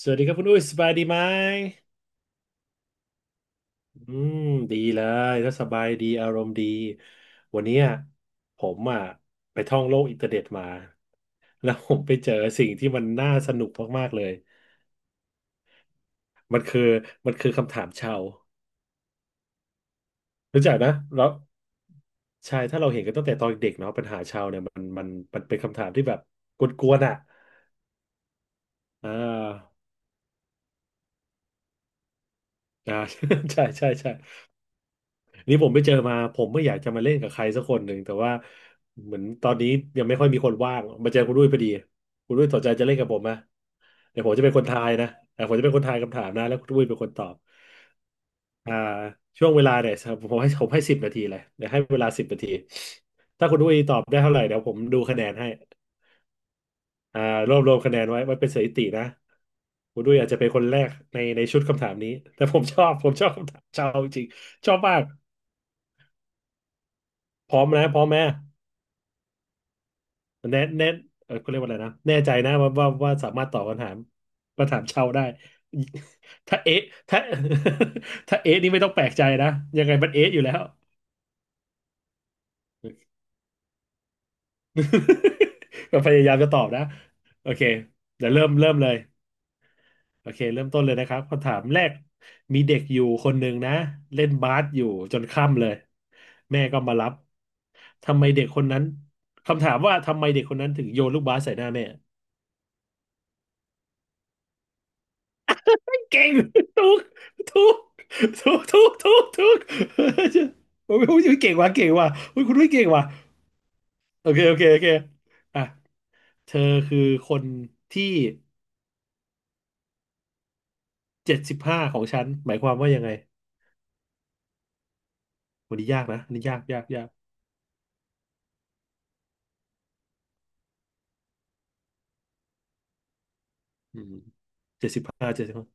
สวัสดีครับคุณอุ้ยสบายดีไหมอืมดีเลยถ้าสบายดีอารมณ์ดีวันเนี้ยผมอ่ะไปท่องโลกอินเทอร์เน็ตมาแล้วผมไปเจอสิ่งที่มันน่าสนุกมากๆเลยมันคือมันคือคำถามชาวรู้จักนะแล้วใช่ถ้าเราเห็นกันตั้งแต่ตอนเด็กเนาะปัญหาชาวเนี่ยมันเป็นคำถามที่แบบกวนๆอ่ะอ่าอ่า ใช่ใช่ใช่ นี่ผมไปเจอมาผมไม่อยากจะมาเล่นกับใครสักคนหนึ่งแต่ว่าเหมือนตอนนี้ยังไม่ค่อยมีคนว่างมาเจอคุณด้วยพอดีคุณด้วยสนใจจะเล่นกับผมไหมเดี๋ยวผมจะเป็นคนทายนะแต่ผมจะเป็นคนทายคำถามนะแล้วคุณด้วยเป็นคนตอบอ่าช่วงเวลาเนี่ยผมให้สิบนาทีเลยเดี๋ยวให้เวลาสิบนาทีถ้าคุณด้วยตอบได้เท่าไหร่เดี๋ยวผมดูคะแนนให้อ่ารวบรวมคะแนนไว้ไว้เป็นสถิตินะคุณด้วยอาจจะเป็นคนแรกในชุดคำถามนี้แต่ผมชอบคำถามชาวจริงชอบมากพร้อมนะพร้อมไหม แน่แน่เออเขาเรียกว่าอะไรนะแน่ใจนะว่าสามารถตอบคำถามชาวได้ ถ้าเอ๊ะถ้า ถ้าเอ๊ะนี่ไม่ต้องแปลกใจนะยังไงมันเอ๊ะอยู่แล้ว ก็พยายามจะตอบนะโอเคเดี๋ยวเริ่มเลยโอเคเริ่มต้นเลยนะครับคำถามแรกมีเด็กอยู่คนหนึ่งนะเล่นบาสอยู่จนค่ำเลยแม่ก็มารับทำไมเด็กคนนั้นคำถามว่าทำไมเด็กคนนั้นถึงโยนลูกบาสใส่หน้าแม่ เก่งถูกถูกถูกถูกถูกถูก โอ้ยโอ้ยเก่งว่ะเก่งว่ะอุ๊ยคุณด้วยเก่งว่ะโอเคโอเคโอเคอ่ะเธอคือคนที่เจ็ดสิบห้าของฉันหมายความว่ายังไงวันนี้ยากนะอันนี้ยากยากยากอืมเจ็ดสิบห้าเจ็ดสิบห้า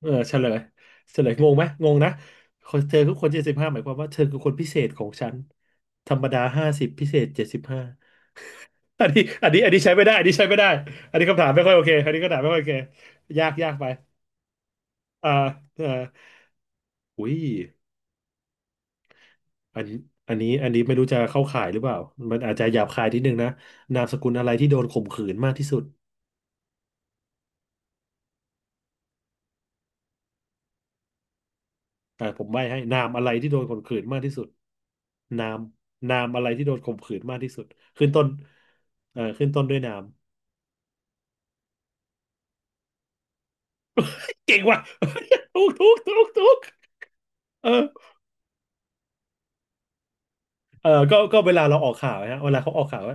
เออเฉลยเฉลยงงไหมงงนะคนเธอคือคนเจ็ดสิบห้าหมายความว่าเธอคือคนพิเศษของฉันธรรมดา50พิเศษเจ็ดสิบห้า อันนี้อันนี้อันนี้ใช้ไม่ได้อันนี้ใช้ไม่ได้อันนี้คำถามไม่ค่อยโอเคอันนี้คำถามไม่ค่อยโอเคยากยากไปอ่าอ่าอุ้ยอันนี้อันนี้อันนี้ไม่รู้จะเข้าข่ายหรือเปล่ามันอาจจะหยาบคายนิดนึงนะนามสกุลอะไรที่โดนข่มขืนมากที่สุดอ่าผมใบ้ให้นามอะไรที่โดนข่มขืนมากที่สุดนามนามอะไรที่โดนข่มขืนมากที่สุดขึ้นต้นขึ้นต้นด้วยนามเก่งว่ะ ถูกถูกถูกถูกเออ เออก็เวลาเราออกข่าวนะเวลาเขาออกข่าวว่า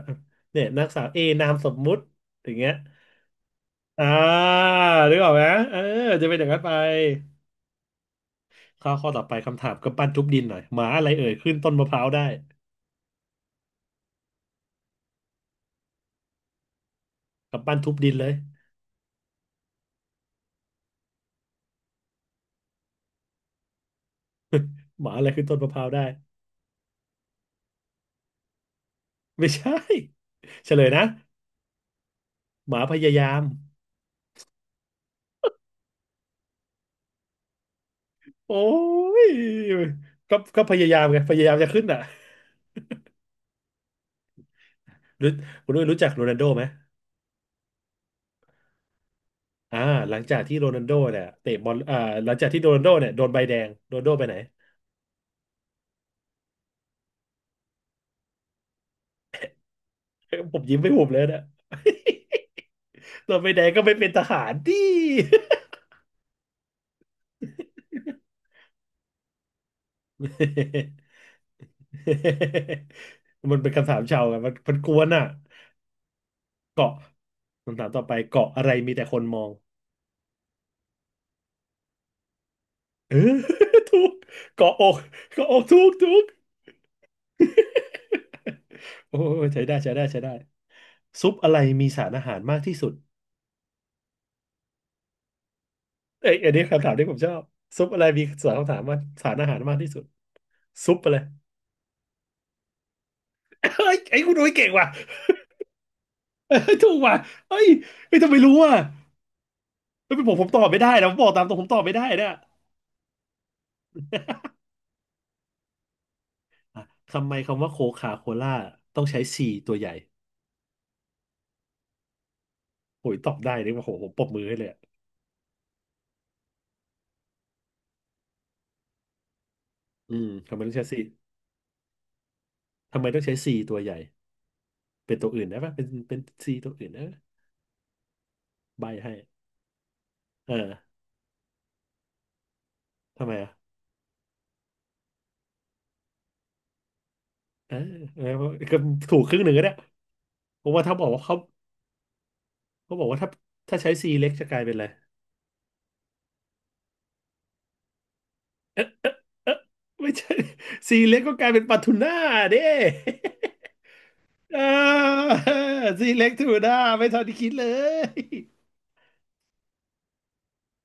เนี่ยนักสาวเอนามสมมุติอย่างเงี้ยอ่านึกออกไหมเออจะเป็นอย่างนั้นไปข้อต่อไปคำถามกำปั้นทุบดินหน่อยหมาอะไรเอ่ยขึ้นต้นมะพร้าวได้กำปั้นทุบดินเลยหมาอะไรขึ้นต้นมะพร้าวได้ไม่ใช่เฉลยนะหมาพยายามโอ้ยก็ก็พยายามไงพยายามจะขึ้นอ่ะรู้คุณนุ้ยรู้จักโรนัลโดไหมอ่าหลังจากที่โรนัลโดเนี่ยเตะบอลอ่าหลังจากที่โรนัลโดเนี่ยโดนใบแดงโรนัลโดไปไหน ผมยิ้มไม่หุบเลยนะ เราไป ไหนก็ไม่เป็นทหารดิ มันเป็นคำถามชาวไงมันมันกวนอ่ะเกาะคำถามต่อไปเกาะอะไรมีแต่คนมองเออ ถูกเกาะอกเกาะอกถูกถูก โอ้ยใช้ได้ใช้ได้ใช้ได้ซุปอะไรมีสารอาหารมากที่สุดเอ้ยอันนี้คำถามที่ผมชอบซุปอะไรมีสารคำถามว่าสารอาหารมากที่สุด ซุปอะไร เอ้ยไอ้คุณโอ้ยเก่งว่ะ เอ้ยถูกว่ะเอ้ยไอ่ต้องไปรู้อ่ะ ไม่เป็นผมผมตอบไม่ได้นะผมบอกตามตรงผมตอบไม่ได้นะอ่ะทำไมคำว่าโคคาโคล่าต้องใช้ซีตัวใหญ่โอ้ยตอบได้เลยว่าโหผมปรบมือให้เลยอะอืมทำไมต้องใช้ซีทำไมต้องใช้ซีตัวใหญ่ เป็นตัวอื่นได้ปะเป็นซีตัวอื่นนะใบให้เออทำไมอ่ะเออเออก็ถูกครึ่งหนึ่งก็ได้เพราะว่าถ้าบอกว่าเขาเขาบอกว่าถ้าถ้าใช้ซีเล็กจะกลายเป็นอะไรเออไม่ใช่ซีเล็กก็กลายเป็นปลาทูน่าเด้ เออซีเล็กถูกหน่าไม่ทันที่คิดเลย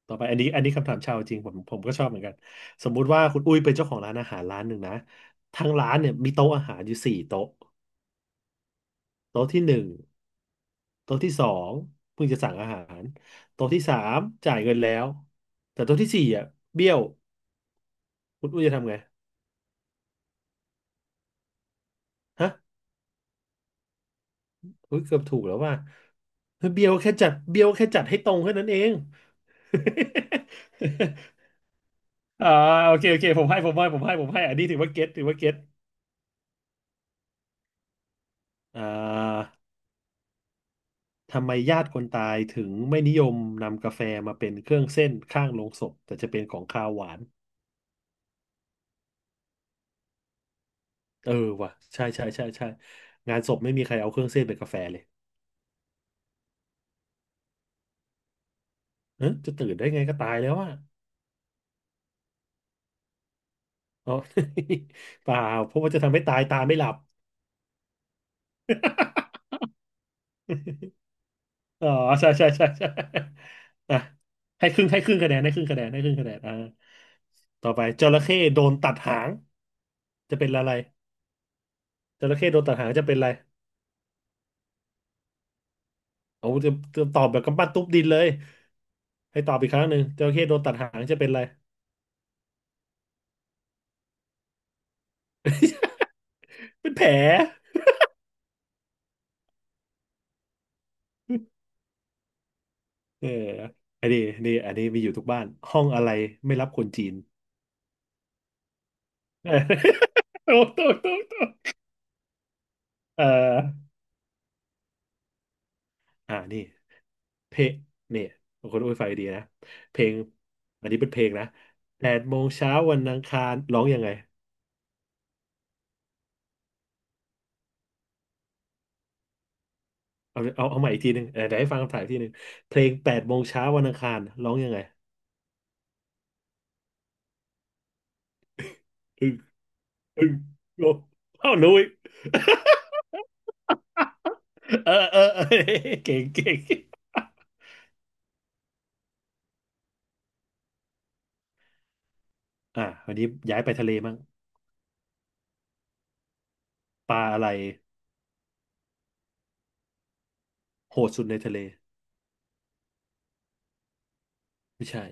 ต่อไปอันนี้คำถามชาวจริงผมก็ชอบเหมือนกันสมมุติว่าคุณอุ้ยเป็นเจ้าของร้านอาหารร้านหนึ่งนะทั้งร้านเนี่ยมีโต๊ะอาหารอยู่สี่โต๊ะโต๊ะที่หนึ่งโต๊ะที่สองเพิ่งจะสั่งอาหารโต๊ะที่สามจ่ายเงินแล้วแต่โต๊ะที่สี่อ่ะเบี้ยวคุณอุ้ยจะทำไงฮะอุ้ยเกือบถูกแล้วว่าเบี้ยวแค่จัดให้ตรงแค่นั้นเอง อ่าโอเคโอเคผมให้อันนี้ถือว่าเก็ตอ่า ทำไมญาติคนตายถึงไม่นิยมนำกาแฟมาเป็นเครื่องเส้นข้างโลงศพแต่จะเป็นของคาวหวานเออว่ะใช่งานศพไม่มีใครเอาเครื่องเส้นเป็นกาแฟเลยเออจะตื่นได้ไงก็ตายแล้วอ่ะอ๋อ เปล่าเพราะว่าจะทำให้ตายตาไม่หลับ อ๋อใช่อ่ะให้ครึ่งให้ครึ่งคะแนนให้ครึ่งคะแนนให้ครึ่งคะแนนอ่าต่อไปจระเข้โดนตัดหางจะเป็นอะไรจระเข้โดนตัดหางจะเป็นอะไรโอ้จะตอบแบบกำปั้นทุบดินเลย ให้ตอบอีกครั้งหนึ่งจระเข้โดนตัดหางจะเป็นอะไรเป็นแผลเอออันนี้มีอยู่ทุกบ้านห้องอะไรไม่รับคนจีน เออโตโตโตโตเอออ่านี่เพลงเนี่ยคนอุ้ยไฟดีนะเพลงอันนี้เป็นเพลงนะแปดโมงเช้าวันอังคารร้องยังไงเอาใหม่อีกทีหนึ่งเออเดี๋ยวให้ฟังคำถ่ายอีกทีหนึ่งเพลงแปดโมงเช้าวันอังคารร้องยังไงอึ้งอึ้งโอ้เอ้ารู้อีก เออเก่งเก่ง อ่าวันนี้ย้ายไปทะเลมั่งปลาอะไรโหดสุดในทะเลไม่ใช่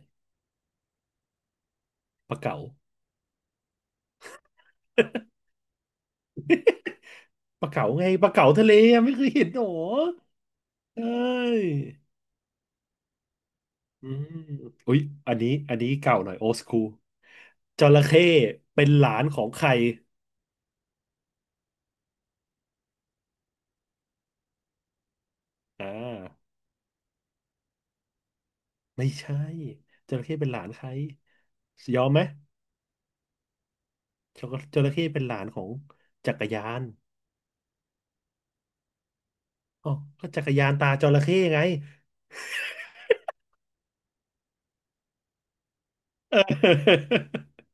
ปลาเก๋า ปลาเก๋าไงปลาเก๋าทะเลอะไม่เคยเห็นหรอเอ้ยอืมอุ๊ยอันนี้เก่าหน่อยโอ h คูลจระเข้เป็นหลานของใครอ่าไม่ใช่จระเข้เป็นหลานใครยอมไหมจระเป็นหลานของจักรยานอ๋อก็จักรยานตาจระเข้ไงเออ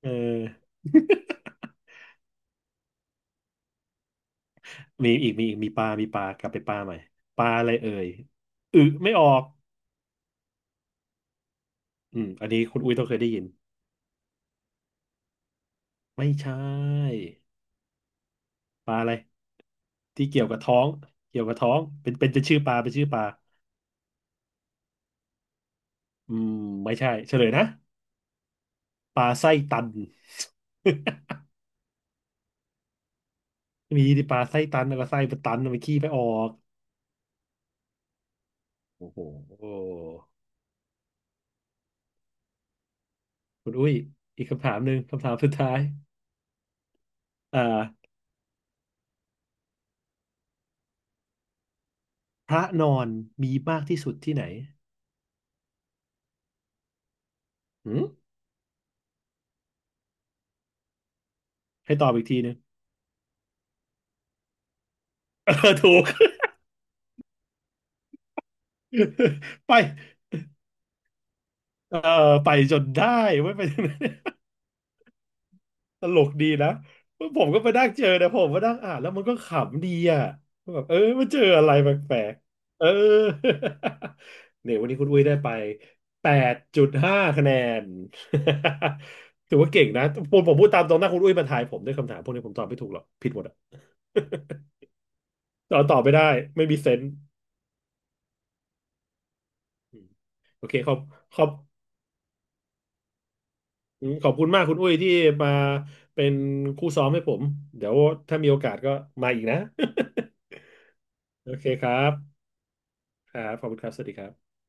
เออ มีอีกมีปลากลับไปปลาใหม่ปลาอะไรเอ่ยอึไม่ออกอืมอันนี้คุณอุ้ยต้องเคยได้ยินไม่ใช่ปลาอะไรที่เกี่ยวกับท้องเกี่ยวกับท้องเป็นจะชื่อปลาเป็นชื่อปลาอืมไม่ใช่เฉลยนะปลาไส้ตัน มีดิปลาไส้ตันแล้วก็ไส้มันตันมันขี้ไปออกโอ้โหคุณอุ้ยอีกคำถามหนึ่งคำถามสุดท้ายอ่าพระนอนมีมากที่สุดที่ไหนหืมให้ตอบอีกทีหนึง เออถูก ไปเออไปจนได้ไม่ไป ตลกดีนะผมก็ไปนั่งเจอนะผมก็นั่งอ่านแล้วมันก็ขำดีอ่ะแบบเออมันเจออะไรแปลกๆเออ เนี่ยวันนี้คุณอุ้ยได้ไป8.5คะแนน ถือว่าเก่งนะผมพูดตามตรงหน้าคุณอุ้ยมาทายผมด้วยคำถามพวกนี้ผมตอบไม่ถูกหรอกผิดหมดอ่ะ ตอบไม่ได้ไม่มีเซนส์อืมโอเคขอบขอบ อืมขอบคุณมากคุณอุ้ยที่มาเป็นคู่ซ้อมให้ผมเดี๋ยวถ้ามีโอกาสก็มาอีกนะ โอเคครับครับขอบคุณครับสวัสดีครับ